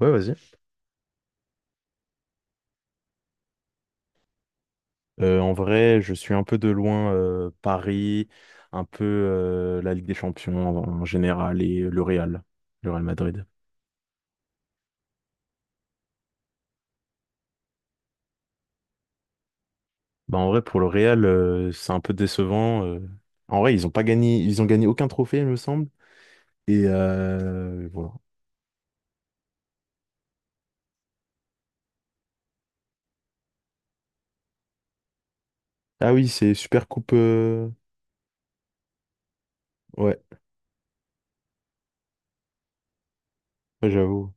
Ouais, vas-y. En vrai, je suis un peu de loin Paris, un peu la Ligue des Champions en général et le Real Madrid. Bah, en vrai, pour le Real, c'est un peu décevant. En vrai, ils ont pas gagné, ils ont gagné aucun trophée, il me semble. Et voilà. Ah oui, c'est Super Coupe. Ouais, ouais, j'avoue.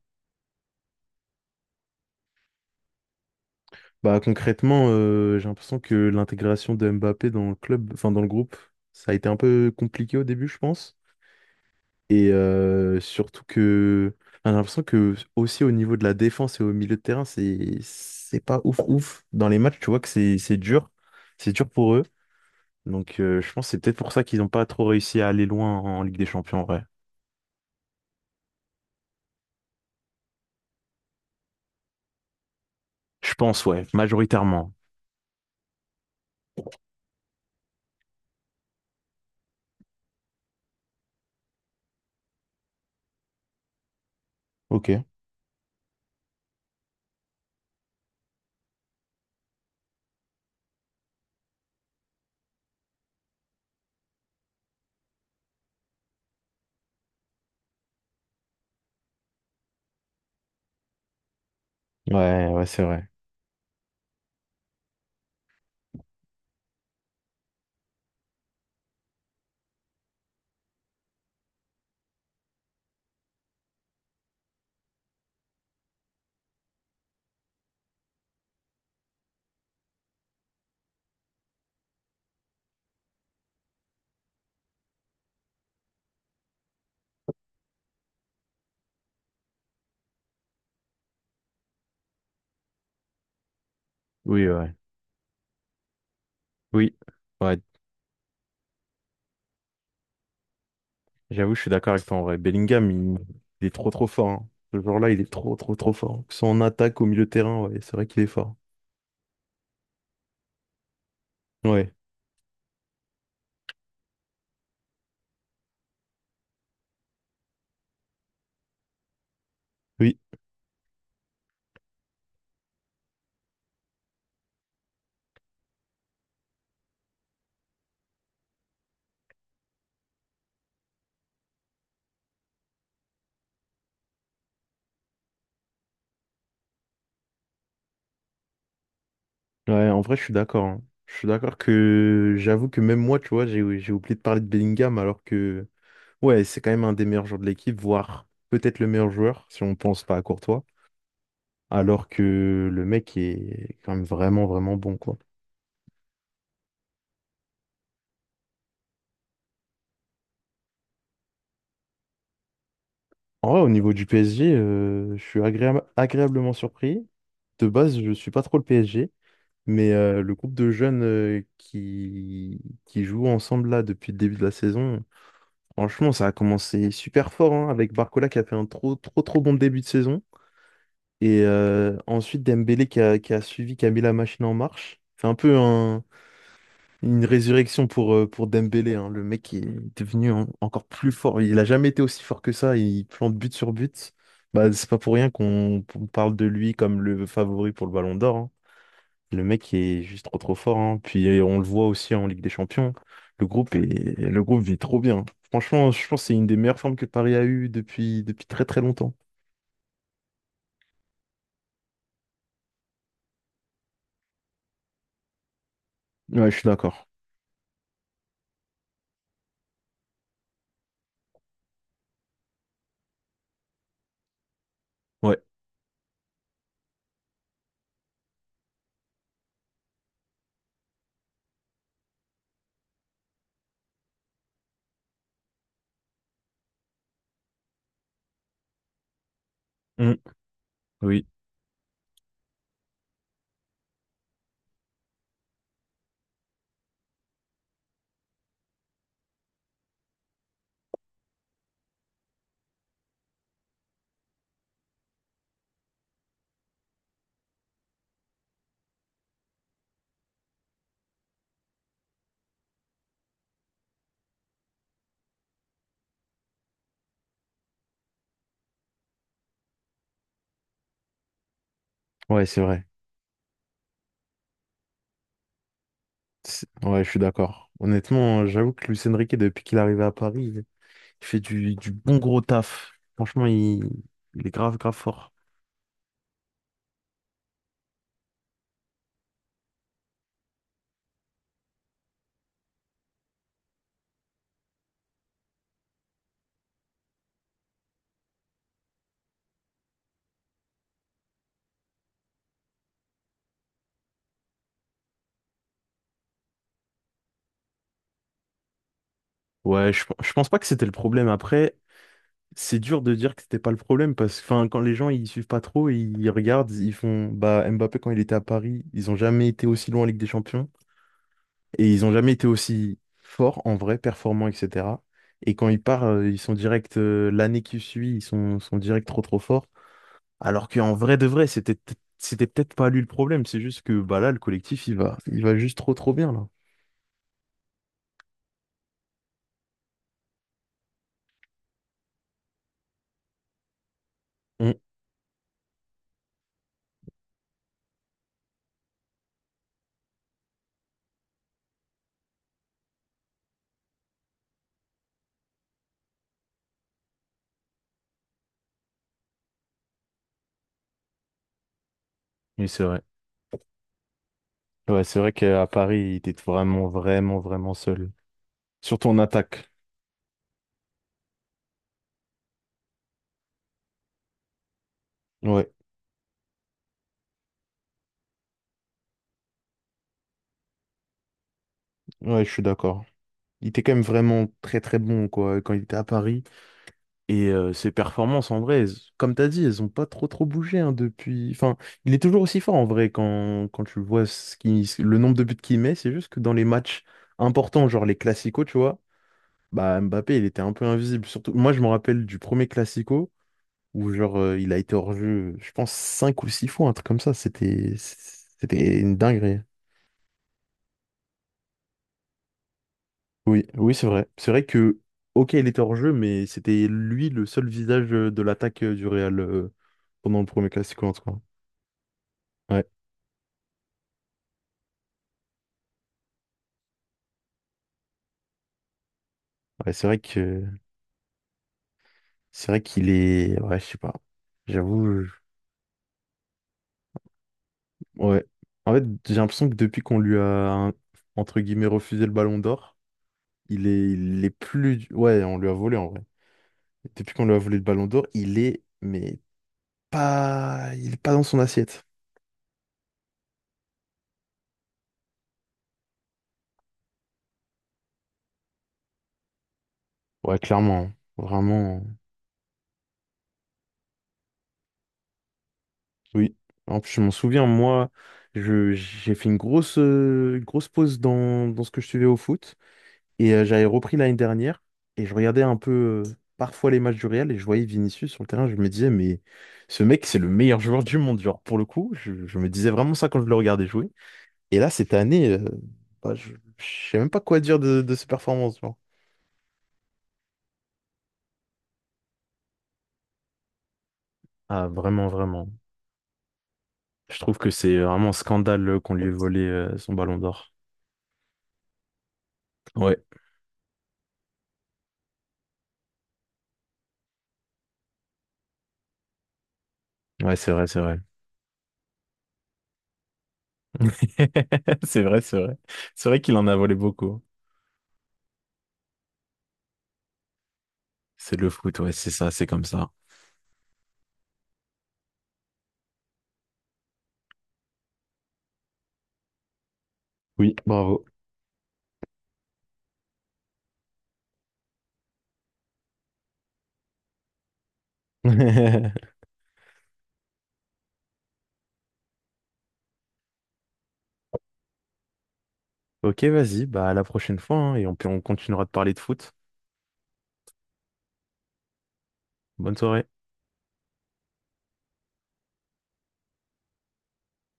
Bah concrètement, j'ai l'impression que l'intégration de Mbappé dans le club, enfin dans le groupe, ça a été un peu compliqué au début, je pense. Et surtout que enfin, j'ai l'impression que aussi au niveau de la défense et au milieu de terrain, c'est pas ouf ouf. Dans les matchs, tu vois que c'est dur. C'est dur pour eux. Donc je pense que c'est peut-être pour ça qu'ils n'ont pas trop réussi à aller loin en Ligue des Champions, en vrai. Je pense, ouais, majoritairement. Ok. Ouais, ouais, c'est vrai. Oui, ouais. Oui. Ouais, j'avoue, je suis d'accord avec toi en vrai. Bellingham, il est trop trop fort. Hein. Ce joueur-là, il est trop trop trop fort. Que ce soit en attaque, au milieu de terrain, ouais, c'est vrai qu'il est fort. Ouais. Oui. Ouais, en vrai, je suis d'accord. hein. Je suis d'accord que j'avoue que même moi, tu vois, j'ai oublié de parler de Bellingham alors que, ouais, c'est quand même un des meilleurs joueurs de l'équipe, voire peut-être le meilleur joueur si on pense pas à Courtois, alors que le mec est quand même vraiment, vraiment bon, quoi. En vrai, au niveau du PSG, je suis agréablement surpris. De base, je suis pas trop le PSG, mais le groupe de jeunes qui jouent ensemble là depuis le début de la saison. Franchement, ça a commencé super fort hein, avec Barcola qui a fait un trop trop trop bon début de saison. Et ensuite Dembélé qui a suivi, qui a mis la machine en marche. C'est un peu une résurrection pour Dembélé. Hein. Le mec est devenu encore plus fort. Il n'a jamais été aussi fort que ça. Il plante but sur but. Bah, c'est pas pour rien qu'on parle de lui comme le favori pour le Ballon d'Or. Hein. Le mec est juste trop trop fort, hein. Puis on le voit aussi en Ligue des Champions. Le groupe est, le groupe vit trop bien. Franchement, je pense que c'est une des meilleures formes que Paris a eues depuis très très longtemps. Ouais, je suis d'accord. Ouais. Mm. Oui. Ouais, c'est vrai. Ouais, je suis d'accord. Honnêtement, j'avoue que Luis Enrique, depuis qu'il est arrivé à Paris, il fait du bon gros taf. Franchement, il est grave, grave fort. Ouais, je pense pas que c'était le problème. Après, c'est dur de dire que c'était pas le problème parce que enfin, quand les gens ils suivent pas trop, ils regardent, ils font bah Mbappé quand il était à Paris, ils ont jamais été aussi loin en Ligue des Champions et ils ont jamais été aussi forts en vrai, performants, etc. Et quand ils partent, ils sont direct l'année qui suit, sont direct trop trop forts. Alors qu'en vrai de vrai, c'était peut-être pas lui le problème, c'est juste que bah là le collectif il va juste trop trop bien là. Mm. Oui, c'est vrai. Ouais, c'est vrai qu'à Paris, il était vraiment vraiment vraiment seul. Surtout en attaque. Ouais. Ouais, je suis d'accord. Il était quand même vraiment très très bon quoi quand il était à Paris. Et ses performances en vrai, comme t'as dit, elles ont pas trop trop bougé hein, depuis. Enfin, il est toujours aussi fort en vrai quand tu vois ce qui... le nombre de buts qu'il met. C'est juste que dans les matchs importants, genre les classicos, tu vois, bah Mbappé, il était un peu invisible. Surtout, moi je me rappelle du premier classico où genre il a été hors jeu, je pense cinq ou six fois, un truc comme ça. C'était une dinguerie. Oui, oui, c'est vrai. C'est vrai que, ok, il était hors jeu, mais c'était lui le seul visage de l'attaque du Real pendant le premier classico, en tout cas. Ouais, ouais, c'est vrai que c'est vrai qu'il est. Ouais, je sais pas. J'avoue. Ouais. En fait, j'ai l'impression que depuis qu'on lui un- entre guillemets, refusé le ballon d'or, il est plus. Ouais, on lui a volé en vrai. Depuis qu'on lui a volé le ballon d'or, il est. Mais pas. Il est pas dans son assiette. Ouais, clairement. Hein. Vraiment. Hein. Oui, en plus je m'en souviens, moi, j'ai fait une grosse pause dans ce que je suivais au foot, et j'avais repris l'année dernière, et je regardais un peu parfois les matchs du Real, et je voyais Vinicius sur le terrain, je me disais, mais ce mec, c'est le meilleur joueur du monde, genre, pour le coup, je me disais vraiment ça quand je le regardais jouer, et là, cette année, bah, je sais même pas quoi dire de ses performances, genre. Ah, vraiment, vraiment. Je trouve que c'est vraiment un scandale qu'on lui ait volé son ballon d'or. Ouais, ouais, c'est vrai, c'est vrai. C'est vrai, c'est vrai. C'est vrai qu'il en a volé beaucoup. C'est le foot, ouais, c'est ça, c'est comme ça. Oui, bravo. Ok, vas-y, bah à la prochaine fois, hein, et on continuera de parler de foot. Bonne soirée.